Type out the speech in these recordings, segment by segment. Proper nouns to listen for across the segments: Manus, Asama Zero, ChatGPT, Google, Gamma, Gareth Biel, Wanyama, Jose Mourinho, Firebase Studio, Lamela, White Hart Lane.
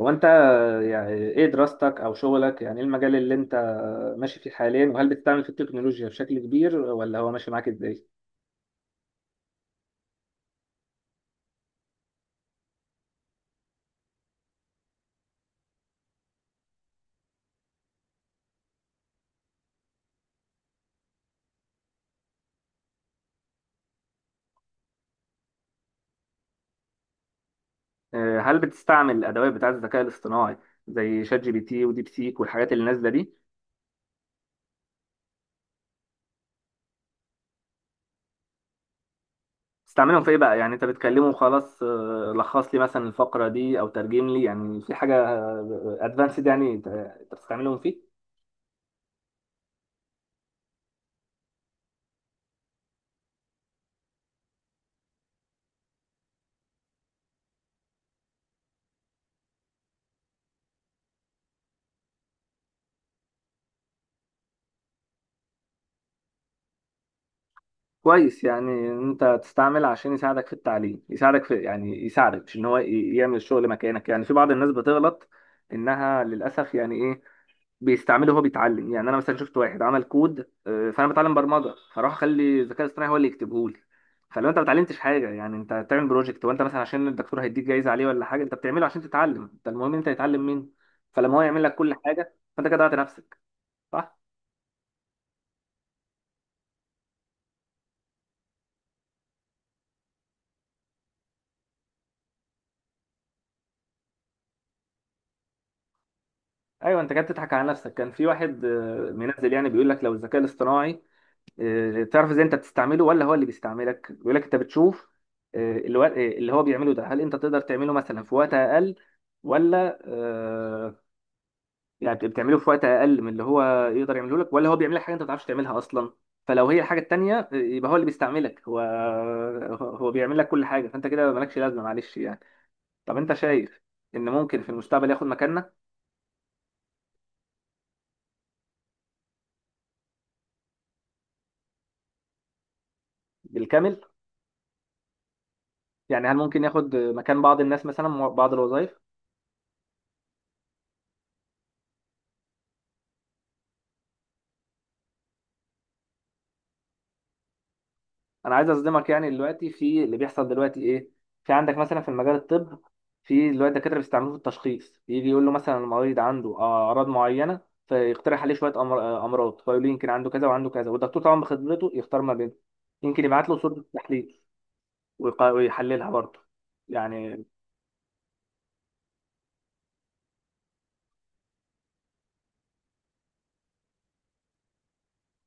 هو انت، يعني ايه دراستك او شغلك؟ يعني ايه المجال اللي انت ماشي فيه حاليا؟ وهل بتستعمل فيه التكنولوجيا بشكل كبير، ولا هو ماشي معاك ازاي؟ هل بتستعمل الادوات بتاعه الذكاء الاصطناعي زي شات جي بي تي وديب سيك والحاجات اللي نازله دي؟ بتستعملهم في ايه بقى؟ يعني انت بتكلمه خلاص، لخص لي مثلا الفقره دي او ترجم لي، يعني في حاجه ادفانسد يعني انت بتستعملهم فيه؟ كويس، يعني إن انت تستعمل عشان يساعدك في التعليم، يساعدك، في يعني يساعدك، مش ان هو يعمل الشغل مكانك. يعني في بعض الناس بتغلط انها للاسف، يعني ايه، بيستعمله وهو بيتعلم. يعني انا مثلا شفت واحد عمل كود، فانا بتعلم برمجه، فراح اخلي الذكاء الاصطناعي هو اللي يكتبه لي. فلو انت ما اتعلمتش حاجه، يعني انت بتعمل بروجكت وانت مثلا عشان الدكتور هيديك جايزه عليه ولا حاجه؟ انت بتعمله عشان تتعلم، انت المهم انت تتعلم منه. فلما هو يعمل لك كل حاجه، فانت كده ضيعت نفسك، صح؟ ايوه، انت كده بتضحك على نفسك. كان في واحد، منزل يعني، بيقول لك لو الذكاء الاصطناعي، تعرف ازاي انت بتستعمله ولا هو اللي بيستعملك. بيقول لك انت بتشوف، آه، الو- آه، اللي هو بيعمله ده، هل انت تقدر تعمله مثلا في وقت اقل، ولا يعني بتعمله في وقت اقل من اللي هو يقدر يعمله لك، ولا هو بيعمل لك حاجه انت ما بتعرفش تعملها اصلا؟ فلو هي الحاجه التانيه، يبقى هو اللي بيستعملك. هو بيعمل لك كل حاجه، فانت كده مالكش لازمه، معلش يعني. طب انت شايف ان ممكن في المستقبل ياخد مكاننا بالكامل؟ يعني هل ممكن ياخد مكان بعض الناس، مثلا بعض الوظائف؟ انا عايز اصدمك، يعني دلوقتي في اللي بيحصل دلوقتي ايه. في عندك مثلا في المجال الطب، في دلوقتي دكاتره بيستعملوه في التشخيص، يجي يقول له مثلا المريض عنده اعراض معينه، فيقترح عليه شويه امراض، فيقول له يمكن عنده كذا وعنده كذا. والدكتور طبعا بخبرته يختار ما بينهم. يمكن يبعت له صوره التحليل ويحللها برضه يعني.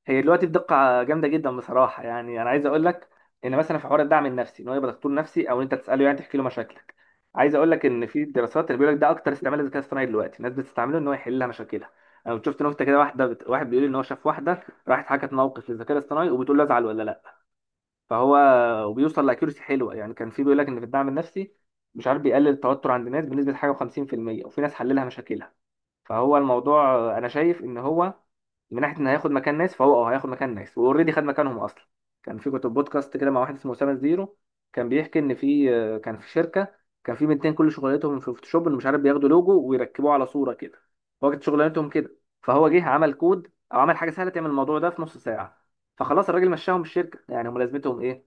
هي دلوقتي الدقة جامدة جدا بصراحة. يعني أنا عايز أقول لك إن مثلا في حوار الدعم النفسي، إن هو يبقى دكتور نفسي، أو إن أنت تسأله يعني تحكي له مشاكلك. عايز أقول لك إن في دراسات اللي بيقول لك ده أكتر استعمال للذكاء الاصطناعي دلوقتي، الناس بتستعمله إن هو يحل لها مشاكلها. أنا كنت شفت نكتة كده، واحد بيقول إن هو شاف واحدة راحت حكت موقف للذكاء الاصطناعي، وبتقول له أزعل ولا لأ. فهو وبيوصل لأكيورسي حلوة يعني. كان في بيقول لك إن في الدعم النفسي، مش عارف، بيقلل التوتر عند الناس بنسبة حاجة و50%، وفي ناس حللها مشاكلها. فهو الموضوع انا شايف ان هو من ناحيه ان هياخد مكان ناس، فهو هياخد مكان ناس، واوريدي خد مكانهم اصلا. كان في، كنت بودكاست كده مع واحد اسمه اسامه زيرو، كان بيحكي ان في، كان في شركه، كان في بنتين كل شغلتهم في فوتوشوب، إن مش عارف، بياخدوا لوجو ويركبوه على صوره كده، هو كانت شغلانتهم كده. فهو جه عمل كود، او عمل حاجه سهله تعمل الموضوع ده في نص ساعه. فخلاص الراجل مشاهم من الشركه، يعني هم لازمتهم ايه؟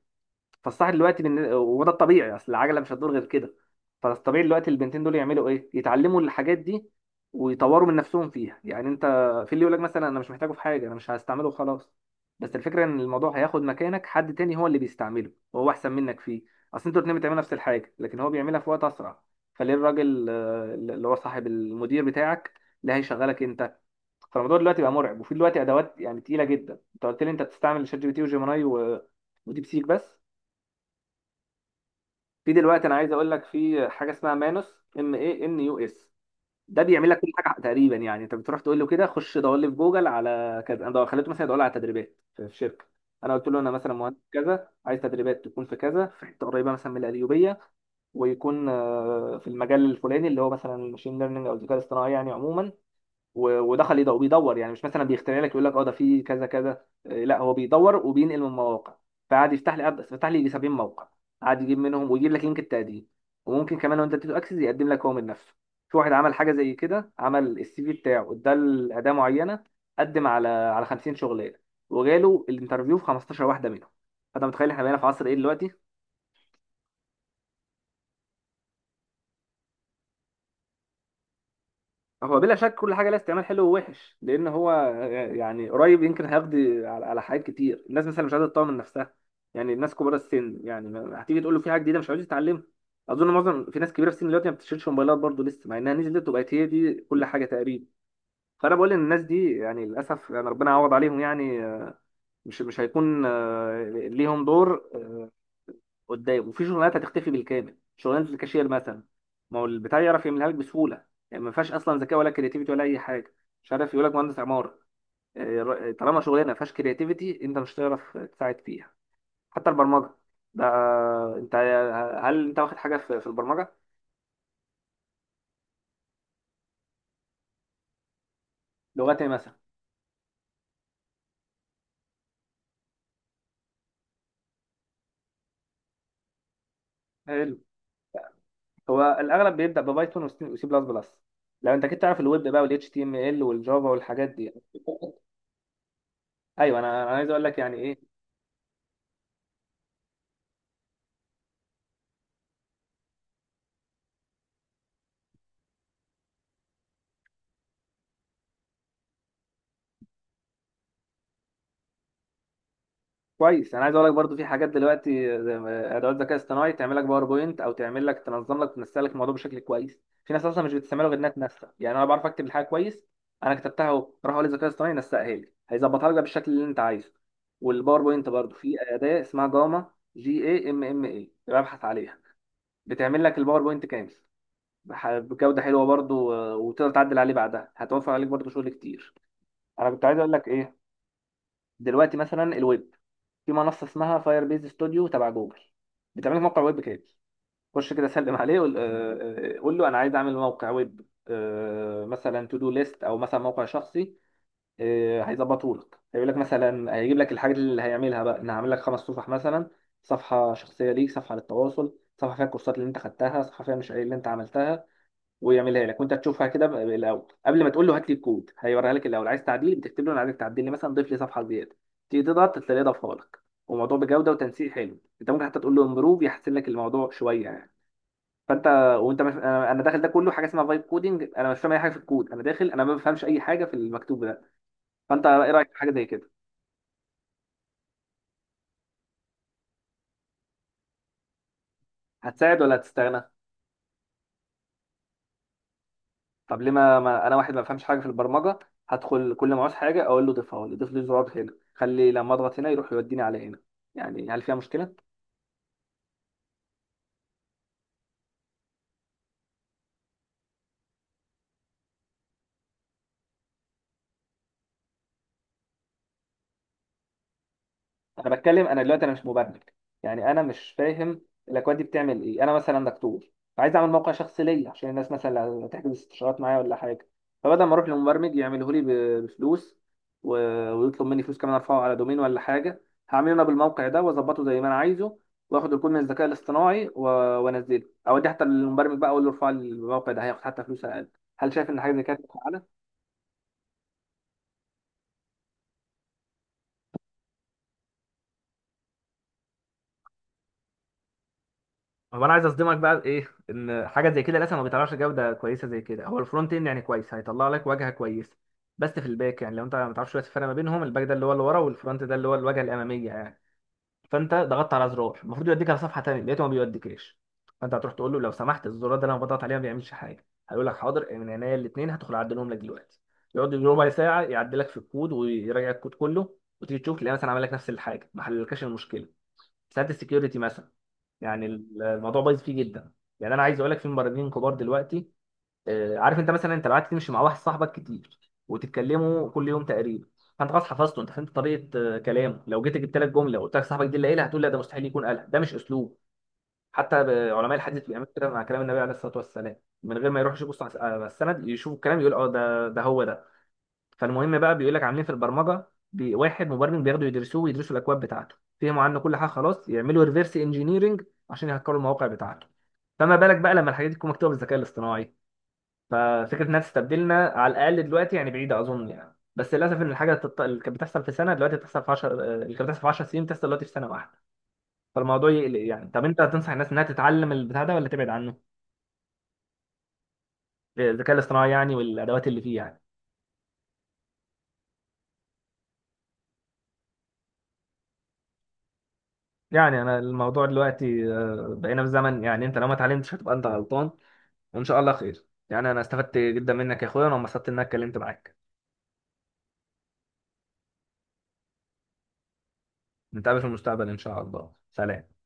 فالصح دلوقتي وده الطبيعي، اصل العجله مش هتدور غير كده. فالطبيعي دلوقتي البنتين دول يعملوا ايه؟ يتعلموا الحاجات دي ويطوروا من نفسهم فيها. يعني انت في اللي يقول لك مثلا انا مش محتاجه في حاجه، انا مش هستعمله خلاص. بس الفكره ان الموضوع هياخد مكانك، حد تاني هو اللي بيستعمله، وهو احسن منك فيه. اصل انتوا الاتنين بتعملوا نفس الحاجه، لكن هو بيعملها في وقت اسرع، فليه الراجل، اللي هو صاحب المدير بتاعك اللي هيشغلك انت؟ فالموضوع دلوقتي بقى مرعب، وفي دلوقتي ادوات يعني تقيله جدا. انت قلت لي انت بتستعمل شات جي بي تي وجيميناي و- وديب سيك بس. في دلوقتي انا عايز اقول لك في حاجه اسمها مانوس ام اي ان يو اس، ده بيعمل لك كل حاجه تقريبا. يعني انت بتروح تقول له كده خش دور لي في جوجل على كذا. انا خليته مثلا يدور لي على تدريبات في شركه، انا قلت له انا مثلا مهندس كذا عايز تدريبات تكون في كذا، في حته قريبه مثلا من القليوبيه، ويكون في المجال الفلاني اللي هو مثلا الماشين ليرنينج او الذكاء الاصطناعي يعني عموما. و- ودخل يدور، بيدور، يعني مش مثلا بيخترع لك يقول لك اه ده في كذا كذا إيه، لا هو بيدور وبينقل من مواقع. فقعد يفتح لي فتح لي يجي 70 موقع، قعد يجيب منهم ويجيب لك لينك التقديم. وممكن كمان وانت بتدي اكسس يقدم لك هو من نفسه. في واحد عمل حاجه زي كده، عمل السي في بتاعه اداه معينه، قدم على 50 شغلانه، وجاله الانترفيو في 15 واحده منهم. فانت متخيل احنا بقينا في عصر ايه دلوقتي؟ هو بلا شك كل حاجه لها استعمال حلو ووحش، لان هو يعني قريب يمكن هيقضي على حاجات كتير. الناس مثلا مش قادره تطور من نفسها، يعني الناس كبار السن، يعني هتيجي تقول له في حاجه جديده مش عايز يتعلمها. اظن معظم، في ناس كبيره في السن دلوقتي ما بتشيلش موبايلات برضه لسه، مع انها نزلت وبقت هي دي كل حاجه تقريبا. فانا بقول ان الناس دي يعني للاسف، يعني ربنا يعوض عليهم يعني. مش هيكون ليهم دور قدام. وفي شغلانات هتختفي بالكامل، شغلانه الكاشير مثلا، ما هو البتاع يعرف يعملها لك بسهوله، يعني ما فيهاش اصلا ذكاء ولا كرياتيفيتي ولا اي حاجه. مش عارف، يقول لك مهندس عماره، طالما شغلانه ما فيهاش كرياتيفيتي انت مش هتعرف تساعد فيها. حتى البرمجه ده، انت، هل انت واخد حاجه في البرمجه؟ لغات ايه مثلا؟ حلو. هو الاغلب بيبدا ببايثون وسي وسي بلس بلس. لو انت كنت تعرف الويب بقى والاتش تي ام ال والجافا والحاجات دي، ايوه، انا عايز اقول لك يعني ايه. كويس، انا عايز اقول لك برضو في حاجات دلوقتي زي ادوات ذكاء اصطناعي تعمل لك باوربوينت، او تعمل لك تنظم لك تنسق لك الموضوع بشكل كويس. في ناس اصلا مش بتستعمله غير انها تنسق، يعني انا بعرف اكتب الحاجه كويس، انا كتبتها اهو، راح اقول للذكاء الاصطناعي نسقها لي، هيظبطها لك بقى بالشكل اللي انت عايزه. والباوربوينت برضو في اداه اسمها جاما، جي اي ام ام اي، ابحث عليها. بتعمل لك الباوربوينت كامل بجوده حلوه برضو، وتقدر تعدل عليه بعدها، هتوفر عليك برضو شغل كتير. انا كنت عايز اقول لك ايه، دلوقتي مثلا الويب، في منصه اسمها فاير بيز ستوديو تبع جوجل، بتعمل لك موقع ويب كامل. خش كده سلم عليه، قول آه، آه، قول له انا عايز اعمل موقع ويب، مثلا تو دو ليست، او مثلا موقع شخصي. هيظبطه لك، هيقول لك مثلا هيجيب لك الحاجات اللي هيعملها بقى، ان هعمل لك خمس صفح مثلا: صفحه شخصيه ليك، صفحه للتواصل، صفحه فيها الكورسات اللي انت خدتها، صفحه فيها المشاريع اللي انت عملتها. ويعملها لك وانت تشوفها كده الاول، قبل ما تقول له هات لي الكود. هيوريها لك الاول، عايز تعديل بتكتب له انا عايزك تعدل لي مثلا، ضيف لي صفحه زياده، تيجي تضغط تلاقيه ضافها لك. وموضوع بجوده وتنسيق حلو، انت ممكن حتى تقول له امبروف، يحسن لك الموضوع شويه يعني. فانت، وانت مش... أنا داخل ده كله، حاجه اسمها فايب كودنج، انا مش فاهم اي حاجه في الكود، انا داخل، انا ما بفهمش اي حاجه في المكتوب ده. فانت ايه رايك في حاجه زي كده؟ هتساعد ولا هتستغنى؟ طب ليه ما... ما انا واحد ما بفهمش حاجه في البرمجه، هدخل كل ما عاوز حاجه اقول له ضيفها لي، ضيف لي زرار هنا، خلي لما اضغط هنا يروح يوديني على هنا، يعني هل فيها مشكله؟ انا بتكلم، انا دلوقتي انا مش مبرمج، يعني انا مش فاهم الاكواد دي بتعمل ايه. انا مثلا دكتور، فعايز اعمل موقع شخصي ليا عشان الناس مثلا لو تحجز استشارات معايا ولا حاجه، فبدل ما اروح لمبرمج يعمله لي ب- بفلوس، و- ويطلب مني فلوس كمان ارفعه على دومين ولا حاجه، هعمله انا بالموقع ده واظبطه زي ما انا عايزه. واخد الكود من الذكاء الاصطناعي و- وانزله، اوديه حتى للمبرمج بقى، اقول له ارفع لي الموقع ده، هياخد حتى فلوس اقل. هل شايف ان حاجه زي كده؟ هو انا عايز اصدمك بقى ايه، ان حاجه زي كده لسه ما بيطلعش جوده كويسه زي كده. هو الفرونت اند يعني كويس، هيطلع لك واجهه كويسه. بس في الباك، يعني لو انت ما تعرفش دلوقتي الفرق ما بينهم، الباك ده اللي هو اللي ورا، والفرونت ده اللي هو الواجهه الاماميه يعني. فانت ضغطت على زرار المفروض يوديك على صفحه تانيه، لقيته ما بيوديكش. فانت هتروح تقول له لو سمحت الزرار ده اللي انا بضغط عليه ما بيعملش حاجه، هيقول لك حاضر من عينيا الاثنين، هدخل اعدلهم لك دلوقتي. يقعد يجي ربع ساعه يعدلك في الكود ويراجع الكود كله، وتيجي تشوف تلاقيه مثلا عمل لك نفس الحاجه، ما حللكش المشكله. ساعات السكيورتي مثلا، يعني الموضوع بايظ فيه جدا. يعني انا عايز اقول لك في مبرمجين كبار دلوقتي، عارف انت مثلا، انت لو قعدت تمشي مع واحد صاحبك كتير، وتتكلموا كل يوم تقريبا، فانت خلاص حفظته، انت فهمت طريقه كلامه. لو جيت جبت لك جمله وقلت لك صاحبك دي اللي قالها، هتقول لا ده مستحيل يكون قالها، ده مش اسلوب. حتى علماء الحديث بيعملوا كده مع كلام النبي عليه الصلاه والسلام، من غير ما يروحوا يشوفوا على السند يشوفوا الكلام، يقول اه ده هو ده. فالمهم بقى بيقول لك عاملين في البرمجه، واحد مبرمج بياخدوا يدرسوه، ويدرسوا الاكواد بتاعته، فهموا عنه كل حاجه خلاص، يعملوا ريفرس انجينيرنج عشان يهكروا المواقع بتاعته. فما بالك بقى لما الحاجات دي تكون مكتوبه بالذكاء الاصطناعي. ففكره انها تستبدلنا على الاقل دلوقتي يعني بعيده اظن يعني. بس للاسف ان الحاجه اللي كانت بتحصل في سنه دلوقتي بتحصل في 10، اللي كانت بتحصل في 10 سنين بتحصل دلوقتي في سنه واحده. فالموضوع يقلق يعني. طب انت هتنصح الناس انها تتعلم البتاع ده ولا تبعد عنه؟ الذكاء الاصطناعي يعني، والادوات اللي فيه يعني. يعني انا الموضوع دلوقتي، بقينا في زمن يعني انت لو ما اتعلمتش هتبقى انت غلطان. وان شاء الله خير يعني، انا استفدت جدا منك يا اخويا، وانا انبسطت اني اتكلمت معاك. نتقابل في المستقبل ان شاء الله. سلام.